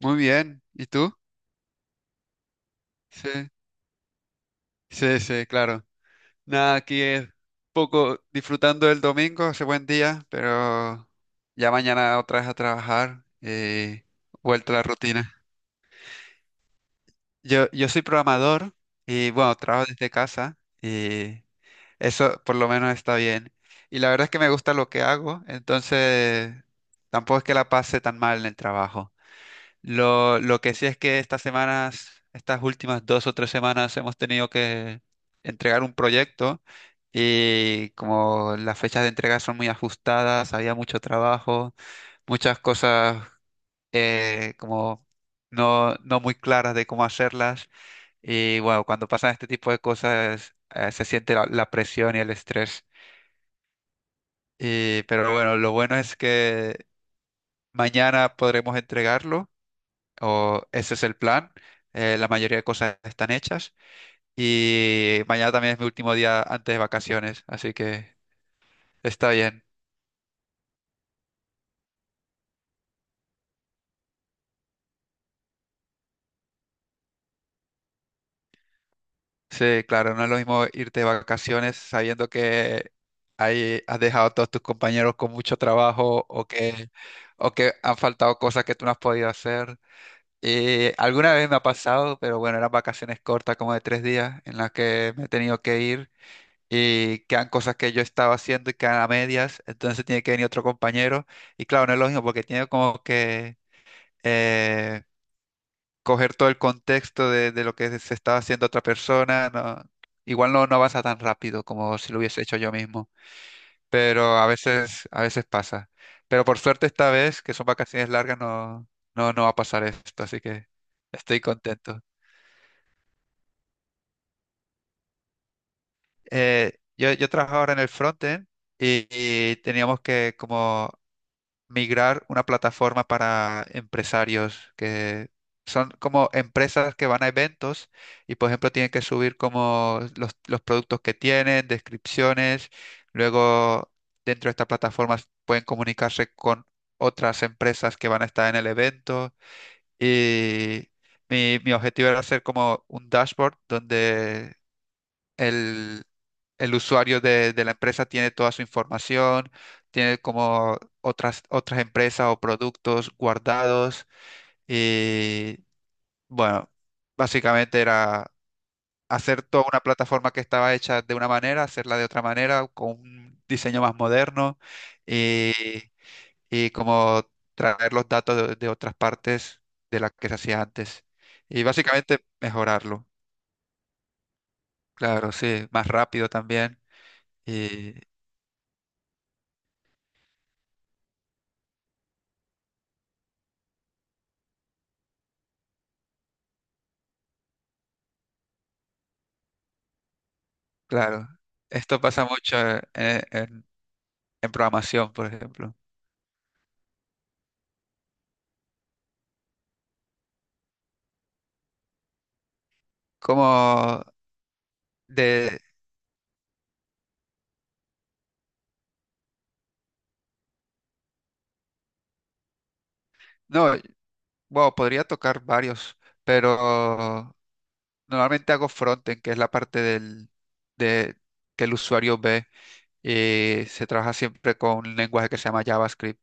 Muy bien. ¿Y tú? Sí, sí, sí, claro. Nada, aquí es poco disfrutando del domingo, hace buen día, pero ya mañana otra vez a trabajar y vuelta a la rutina. Yo soy programador y bueno, trabajo desde casa y eso por lo menos está bien. Y la verdad es que me gusta lo que hago, entonces tampoco es que la pase tan mal en el trabajo. Lo que sí es que estas semanas, estas últimas dos o tres semanas hemos tenido que entregar un proyecto y como las fechas de entrega son muy ajustadas, había mucho trabajo, muchas cosas como no muy claras de cómo hacerlas. Y bueno, cuando pasan este tipo de cosas se siente la presión y el estrés. Pero bueno, lo bueno es que mañana podremos entregarlo, o ese es el plan. La mayoría de cosas están hechas y mañana también es mi último día antes de vacaciones, así que está bien. Sí, claro, no es lo mismo irte de vacaciones sabiendo que ahí has dejado a todos tus compañeros con mucho trabajo o que han faltado cosas que tú no has podido hacer. Y alguna vez me ha pasado, pero bueno, eran vacaciones cortas, como de 3 días, en las que me he tenido que ir, y quedan cosas que yo estaba haciendo y quedan a medias, entonces tiene que venir otro compañero y claro, no es lo mismo porque tiene como que eh, coger todo el contexto de lo que se estaba haciendo otra persona, no, igual no avanza tan rápido como si lo hubiese hecho yo mismo, pero a veces pasa. Pero por suerte esta vez, que son vacaciones largas, no va a pasar esto, así que estoy contento. Yo trabajo ahora en el frontend y teníamos que como migrar una plataforma para empresarios que son como empresas que van a eventos y, por ejemplo, tienen que subir como los productos que tienen, descripciones. Luego, dentro de esta plataforma pueden comunicarse con otras empresas que van a estar en el evento. Y mi objetivo era hacer como un dashboard donde el, el usuario de la empresa tiene toda su información, tiene como otras empresas o productos guardados y bueno, básicamente era hacer toda una plataforma que estaba hecha de una manera, hacerla de otra manera, con un diseño más moderno y, y como traer los datos de otras partes de las que se hacía antes y básicamente mejorarlo. Claro, sí, más rápido también. Y claro, esto pasa mucho eh, en, en programación, por ejemplo. Como de, no, bueno, podría tocar varios, pero normalmente hago frontend, que es la parte del, de, que el usuario ve, y se trabaja siempre con un lenguaje que se llama JavaScript,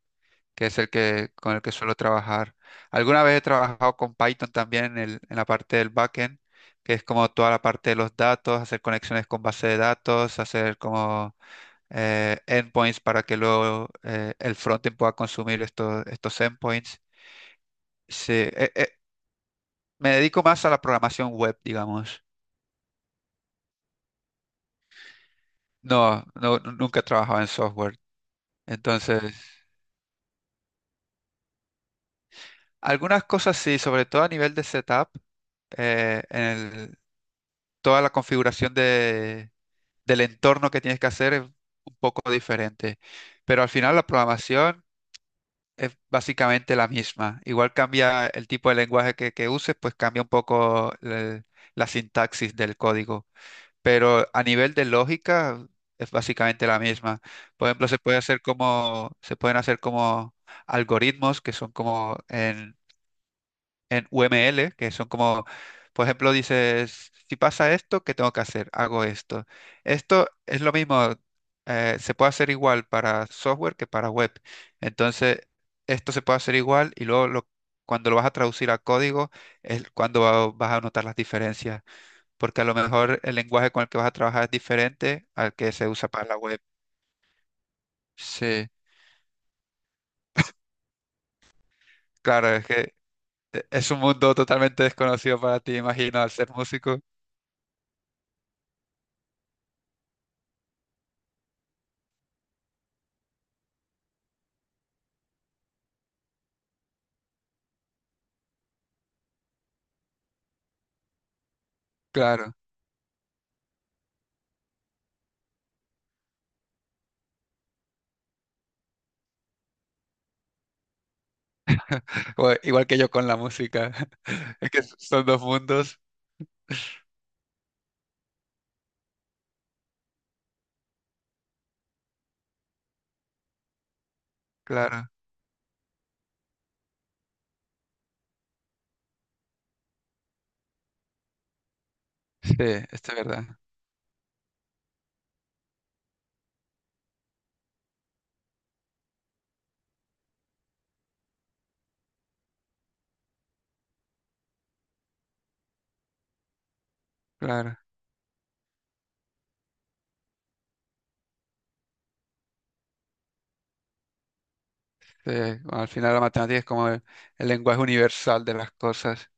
que es el que, con el que suelo trabajar. Alguna vez he trabajado con Python también en la parte del backend, que es como toda la parte de los datos, hacer conexiones con base de datos, hacer como endpoints para que luego el frontend pueda consumir estos endpoints. Sí, me dedico más a la programación web, digamos. Nunca he trabajado en software. Entonces, algunas cosas sí, sobre todo a nivel de setup, eh, en el- toda la configuración del entorno que tienes que hacer es un poco diferente. Pero al final la programación es básicamente la misma. Igual cambia el tipo de lenguaje que uses, pues cambia un poco la sintaxis del código. Pero a nivel de lógica es básicamente la misma. Por ejemplo, se puede hacer como, se pueden hacer como algoritmos que son como en UML, que son como, por ejemplo, dices, si pasa esto, ¿qué tengo que hacer? Hago esto. Esto es lo mismo, se puede hacer igual para software que para web. Entonces, esto se puede hacer igual y luego cuando lo vas a traducir a código es cuando vas a notar las diferencias, porque a lo mejor el lenguaje con el que vas a trabajar es diferente al que se usa para la web. Sí, claro, es que es un mundo totalmente desconocido para ti, imagino, al ser músico. Claro. O igual que yo con la música. Es que son dos mundos. Claro. Sí, esto es verdad. Claro. Sí, bueno, al final la matemática es como el lenguaje universal de las cosas.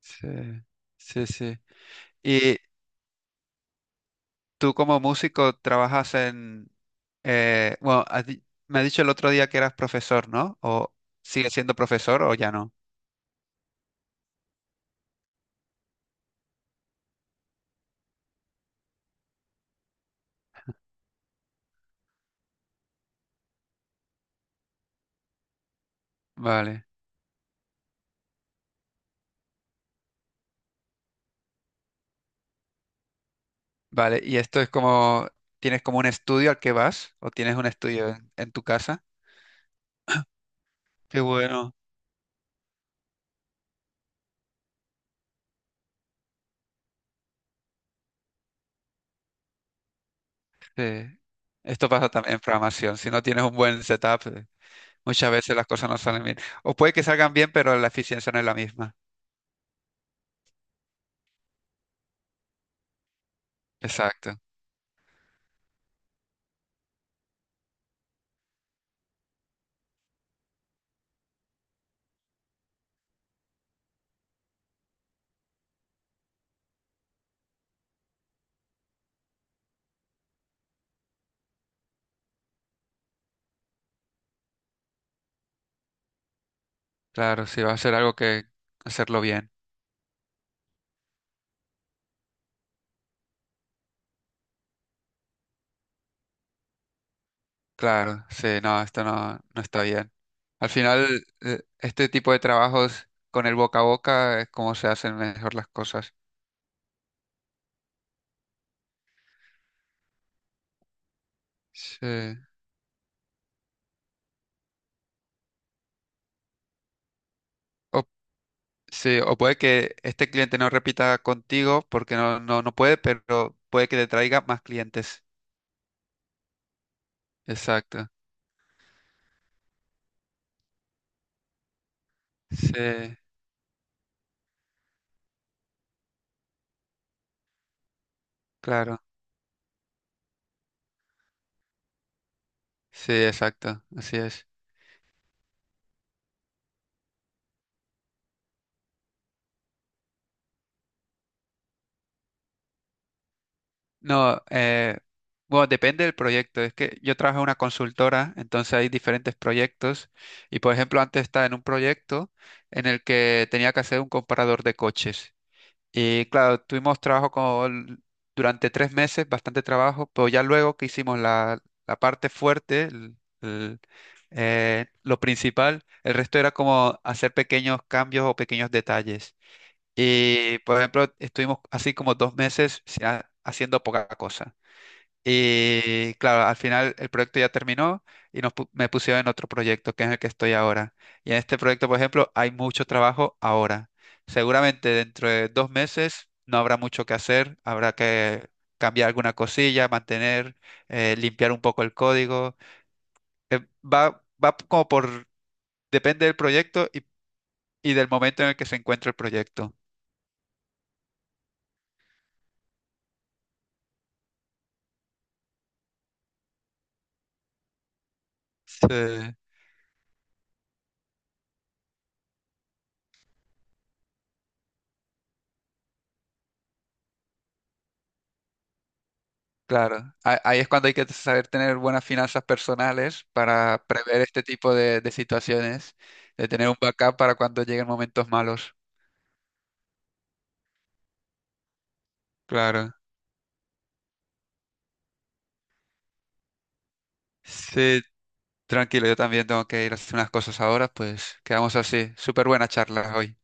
Sí, sí, sí. Y tú como músico trabajas en... bueno, me has dicho el otro día que eras profesor, ¿no? ¿O sigues siendo profesor o ya no? Vale, vale. ¿Y esto es como... ¿Tienes como un estudio al que vas? ¿O tienes un estudio en tu casa? Qué bueno. Sí. Esto pasa también en programación. Si no tienes un buen setup, muchas veces las cosas no salen bien. O puede que salgan bien, pero la eficiencia no es la misma. Exacto. Claro, si va a ser algo que hacerlo bien. Claro, sí, no, esto no está bien. Al final, este tipo de trabajos con el boca a boca es como se hacen mejor las cosas. Sí. O, sí, o puede que este cliente no repita contigo porque no puede, pero puede que te traiga más clientes. Exacto. Sí. Claro, sí, exacto, así es. No, bueno, depende del proyecto. Es que yo trabajo en una consultora, entonces hay diferentes proyectos. Y por ejemplo, antes estaba en un proyecto en el que tenía que hacer un comparador de coches. Y claro, tuvimos trabajo con, durante 3 meses, bastante trabajo, pero ya luego que hicimos la parte fuerte, lo principal, el resto era como hacer pequeños cambios o pequeños detalles. Y, por ejemplo, estuvimos así como 2 meses haciendo poca cosa. Y claro, al final el proyecto ya terminó y me pusieron en otro proyecto, que es el que estoy ahora. Y en este proyecto, por ejemplo, hay mucho trabajo ahora. Seguramente dentro de 2 meses no habrá mucho que hacer, habrá que cambiar alguna cosilla, mantener, limpiar un poco el código. Va como por, depende del proyecto y del momento en el que se encuentra el proyecto. Sí. Claro, ahí es cuando hay que saber tener buenas finanzas personales para prever este tipo de situaciones, de tener un backup para cuando lleguen momentos malos. Claro. Sí, tranquilo, yo también tengo que ir a hacer unas cosas ahora, pues quedamos así. Súper buena charla hoy.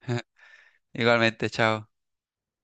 Igualmente, chao.